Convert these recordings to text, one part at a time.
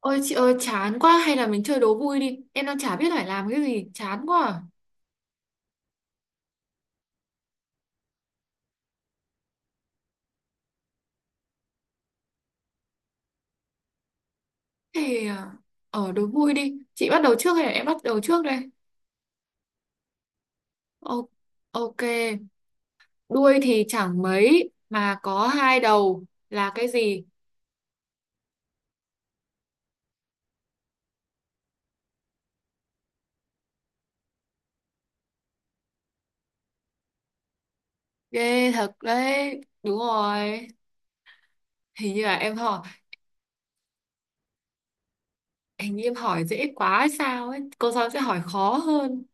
Ôi chị ơi, chán quá, hay là mình chơi đố vui đi. Em đang chả biết phải làm cái gì. Chán quá à. Thì à, đố vui đi. Chị bắt đầu trước hay là em bắt đầu trước đây? Ô- Ok. Đuôi thì chẳng mấy mà có hai đầu là cái gì? Ghê thật đấy. Đúng rồi. Hình như là em hỏi Hình như em hỏi dễ quá hay sao ấy, cô giáo sẽ hỏi khó hơn.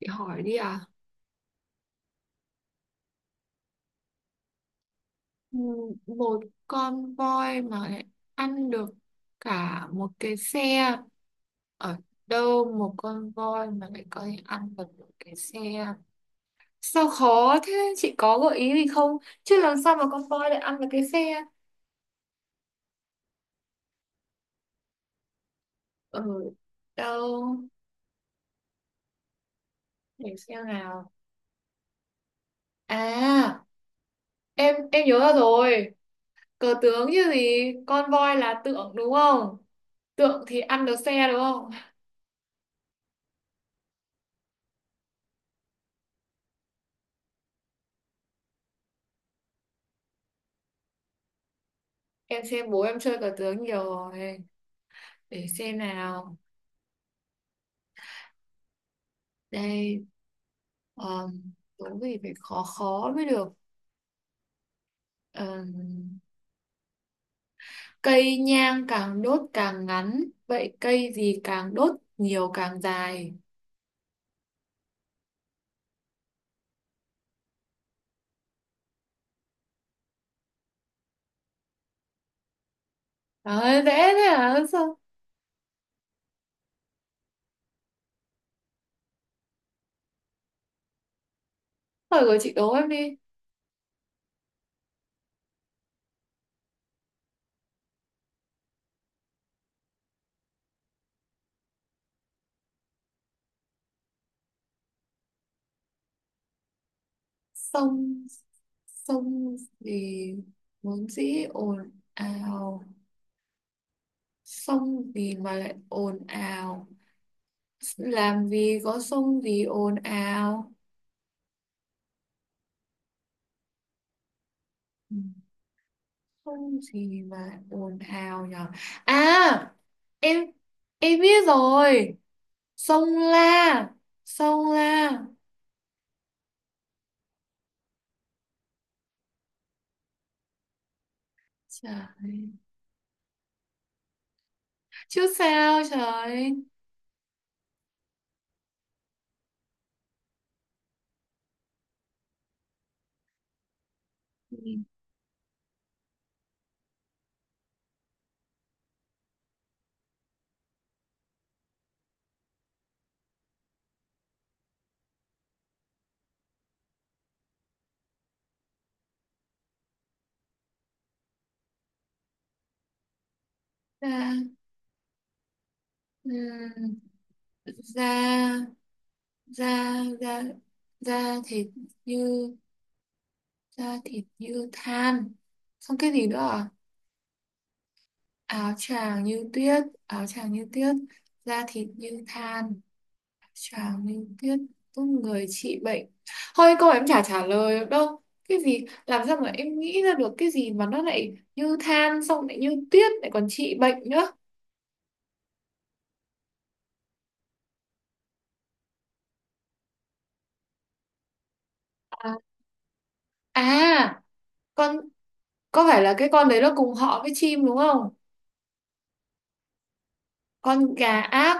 Chị hỏi đi à. Ừ, một con voi mà lại ăn được cả một cái xe ở đâu? Một con voi mà lại có thể ăn được một cái xe? Sao khó thế, chị có gợi ý gì không? Chứ làm sao mà con voi lại ăn được cái xe? Ở đâu? Để xem nào. À em em nhớ ra rồi. Cờ tướng chứ gì. Con voi là tượng đúng không? Tượng thì ăn được xe đúng không? Em xem bố em chơi cờ tướng nhiều rồi. Để xem nào. Đây. uh, Đố gì phải khó khó mới được. Ờ, cây nhang càng đốt càng ngắn, vậy cây gì càng đốt nhiều càng dài? Đấy, dễ thế à sao? Hỏi của chị đố em đi. Sông sông gì vốn dĩ ồn ào? Sông gì mà lại ồn ào? Làm gì có sông gì ồn ào. Ừ. Không gì mà ồn ào nhở. À, em em biết rồi. Sông La. Sông La. Trời ơi. Chứ sao trời ơi. Nhìn ra. ừm, Da Da Da Da thịt như Da thịt như than. Xong cái gì nữa à? Áo choàng như tuyết. Áo choàng như tuyết. Da thịt như than. Chả mình biết có người trị bệnh. Thôi câu em chả trả lời được đâu. Cái gì làm sao mà em nghĩ ra được cái gì mà nó lại như than xong lại như tuyết lại còn trị bệnh nữa. À, à con có phải là cái con đấy nó cùng họ với chim đúng không? Con gà ác.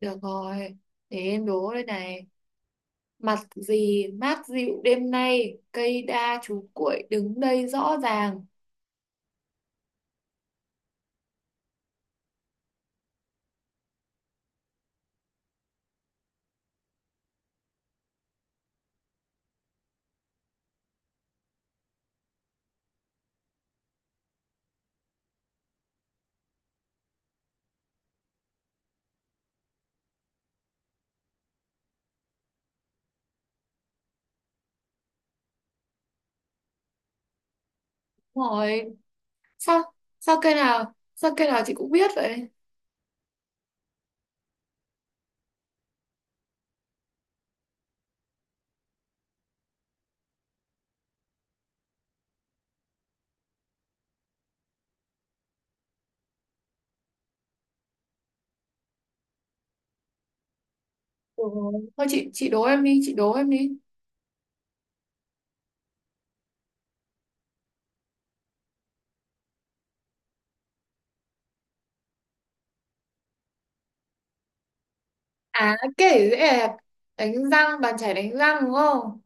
Được rồi. Để em đố đây này. Mặt gì mát dịu đêm nay, cây đa chú cuội đứng đây rõ ràng. Đúng rồi. Sao sao cây nào chị cũng biết vậy? Ủa, thôi chị đố em đi, chị đố em đi. À kể dễ đẹp, đánh răng bàn chải đánh răng đúng không?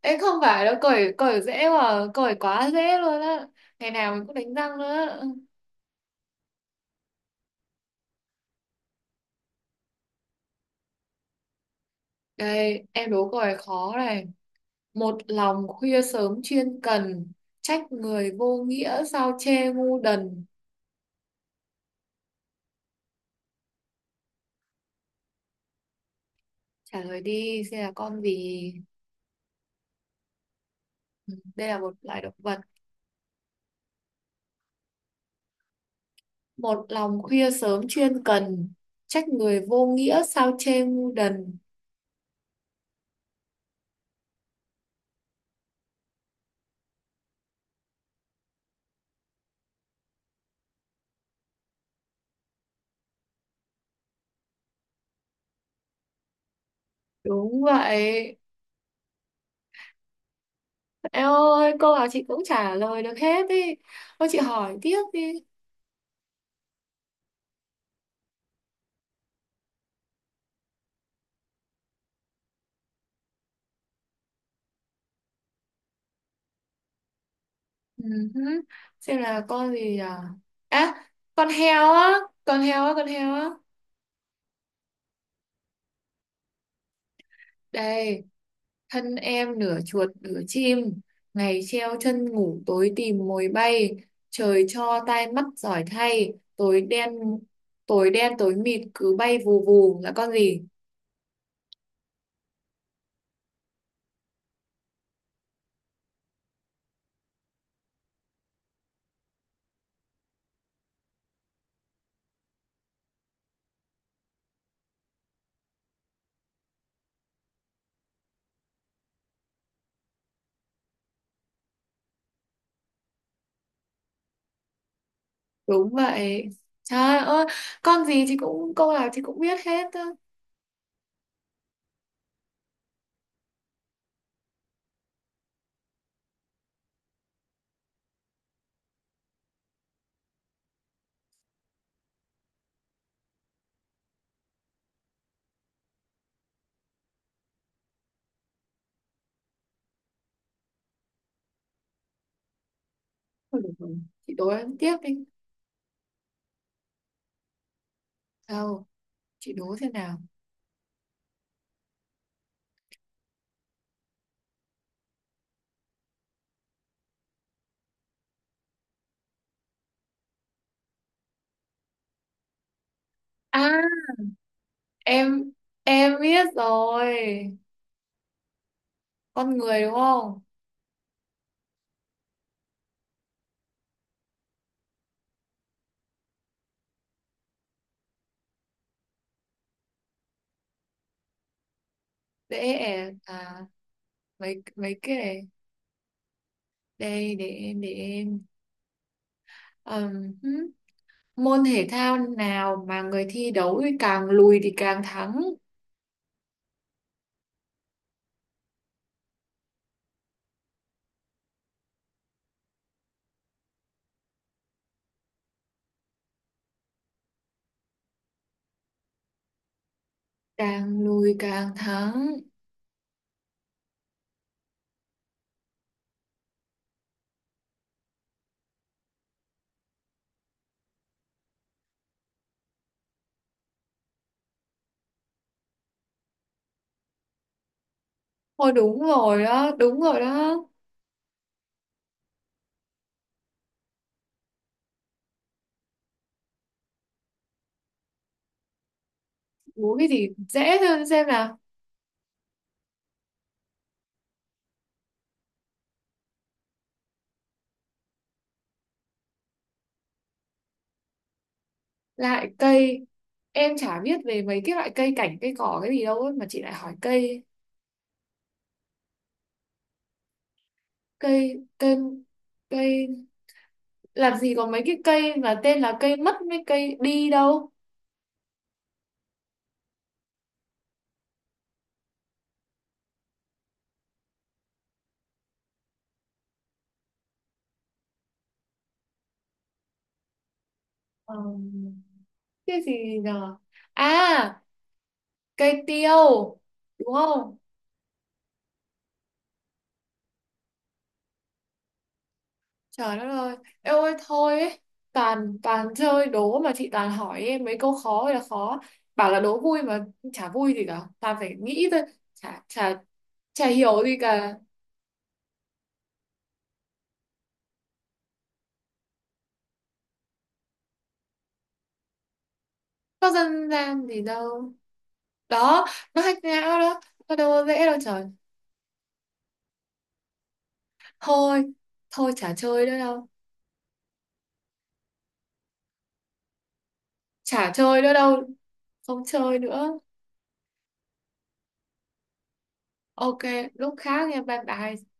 Ấy không phải đâu, cởi cởi dễ mà, cởi quá dễ luôn á. Ngày nào mình cũng đánh răng nữa. Đây, em đố câu này khó này. Một lòng khuya sớm chuyên cần, trách người vô nghĩa sao chê ngu đần. Trả lời đi, xem là con gì? Ừ, đây là một loài động vật. Một lòng khuya sớm chuyên cần, trách người vô nghĩa sao chê ngu đần. Đúng vậy. Em ơi, câu nào chị cũng trả lời được hết đi. Thôi chị hỏi tiếp đi. Ừ hứ, xem là con gì à? À, con heo á, con heo á, con heo á. Đây, thân em nửa chuột nửa chim, ngày treo chân ngủ tối tìm mồi bay, trời cho tai mắt giỏi thay, tối đen tối mịt cứ bay vù vù là con gì? Đúng vậy. Trời ơi, con gì chị cũng câu nào chị cũng biết hết á. Thôi được rồi, chị đố em tiếp đi. Đâu, chị đố thế nào? À, em em biết rồi. Con người đúng không? Dễ ẻ à mấy mấy cái này. Đây, để em. Hứ. Môn thể thao nào mà người thi đấu thì càng lùi thì càng thắng, càng lùi càng thắng. Thôi đúng rồi đó, đúng rồi đó. Đố cái gì dễ thôi xem nào. Lại cây em chả biết về mấy cái loại cây cảnh cây cỏ cái gì đâu ấy, mà chị lại hỏi cây cây cây cây làm gì có mấy cái cây mà tên là cây mất với cây đi đâu. Ờ, cái gì nhờ. À cây tiêu đúng không? Trời đất ơi, em ơi thôi ấy. Toàn toàn chơi đố mà chị toàn hỏi em mấy câu khó ơi là khó. Bảo là đố vui mà chả vui gì cả, toàn phải nghĩ thôi. Chả chả chả hiểu gì cả. Có dân gian gì đâu. Đó, nó hack não đó. Nó đâu có dễ đâu trời. Thôi thôi chả chơi nữa đâu. Chả chơi nữa đâu. Không chơi nữa. Ok, lúc khác nha, bye bye.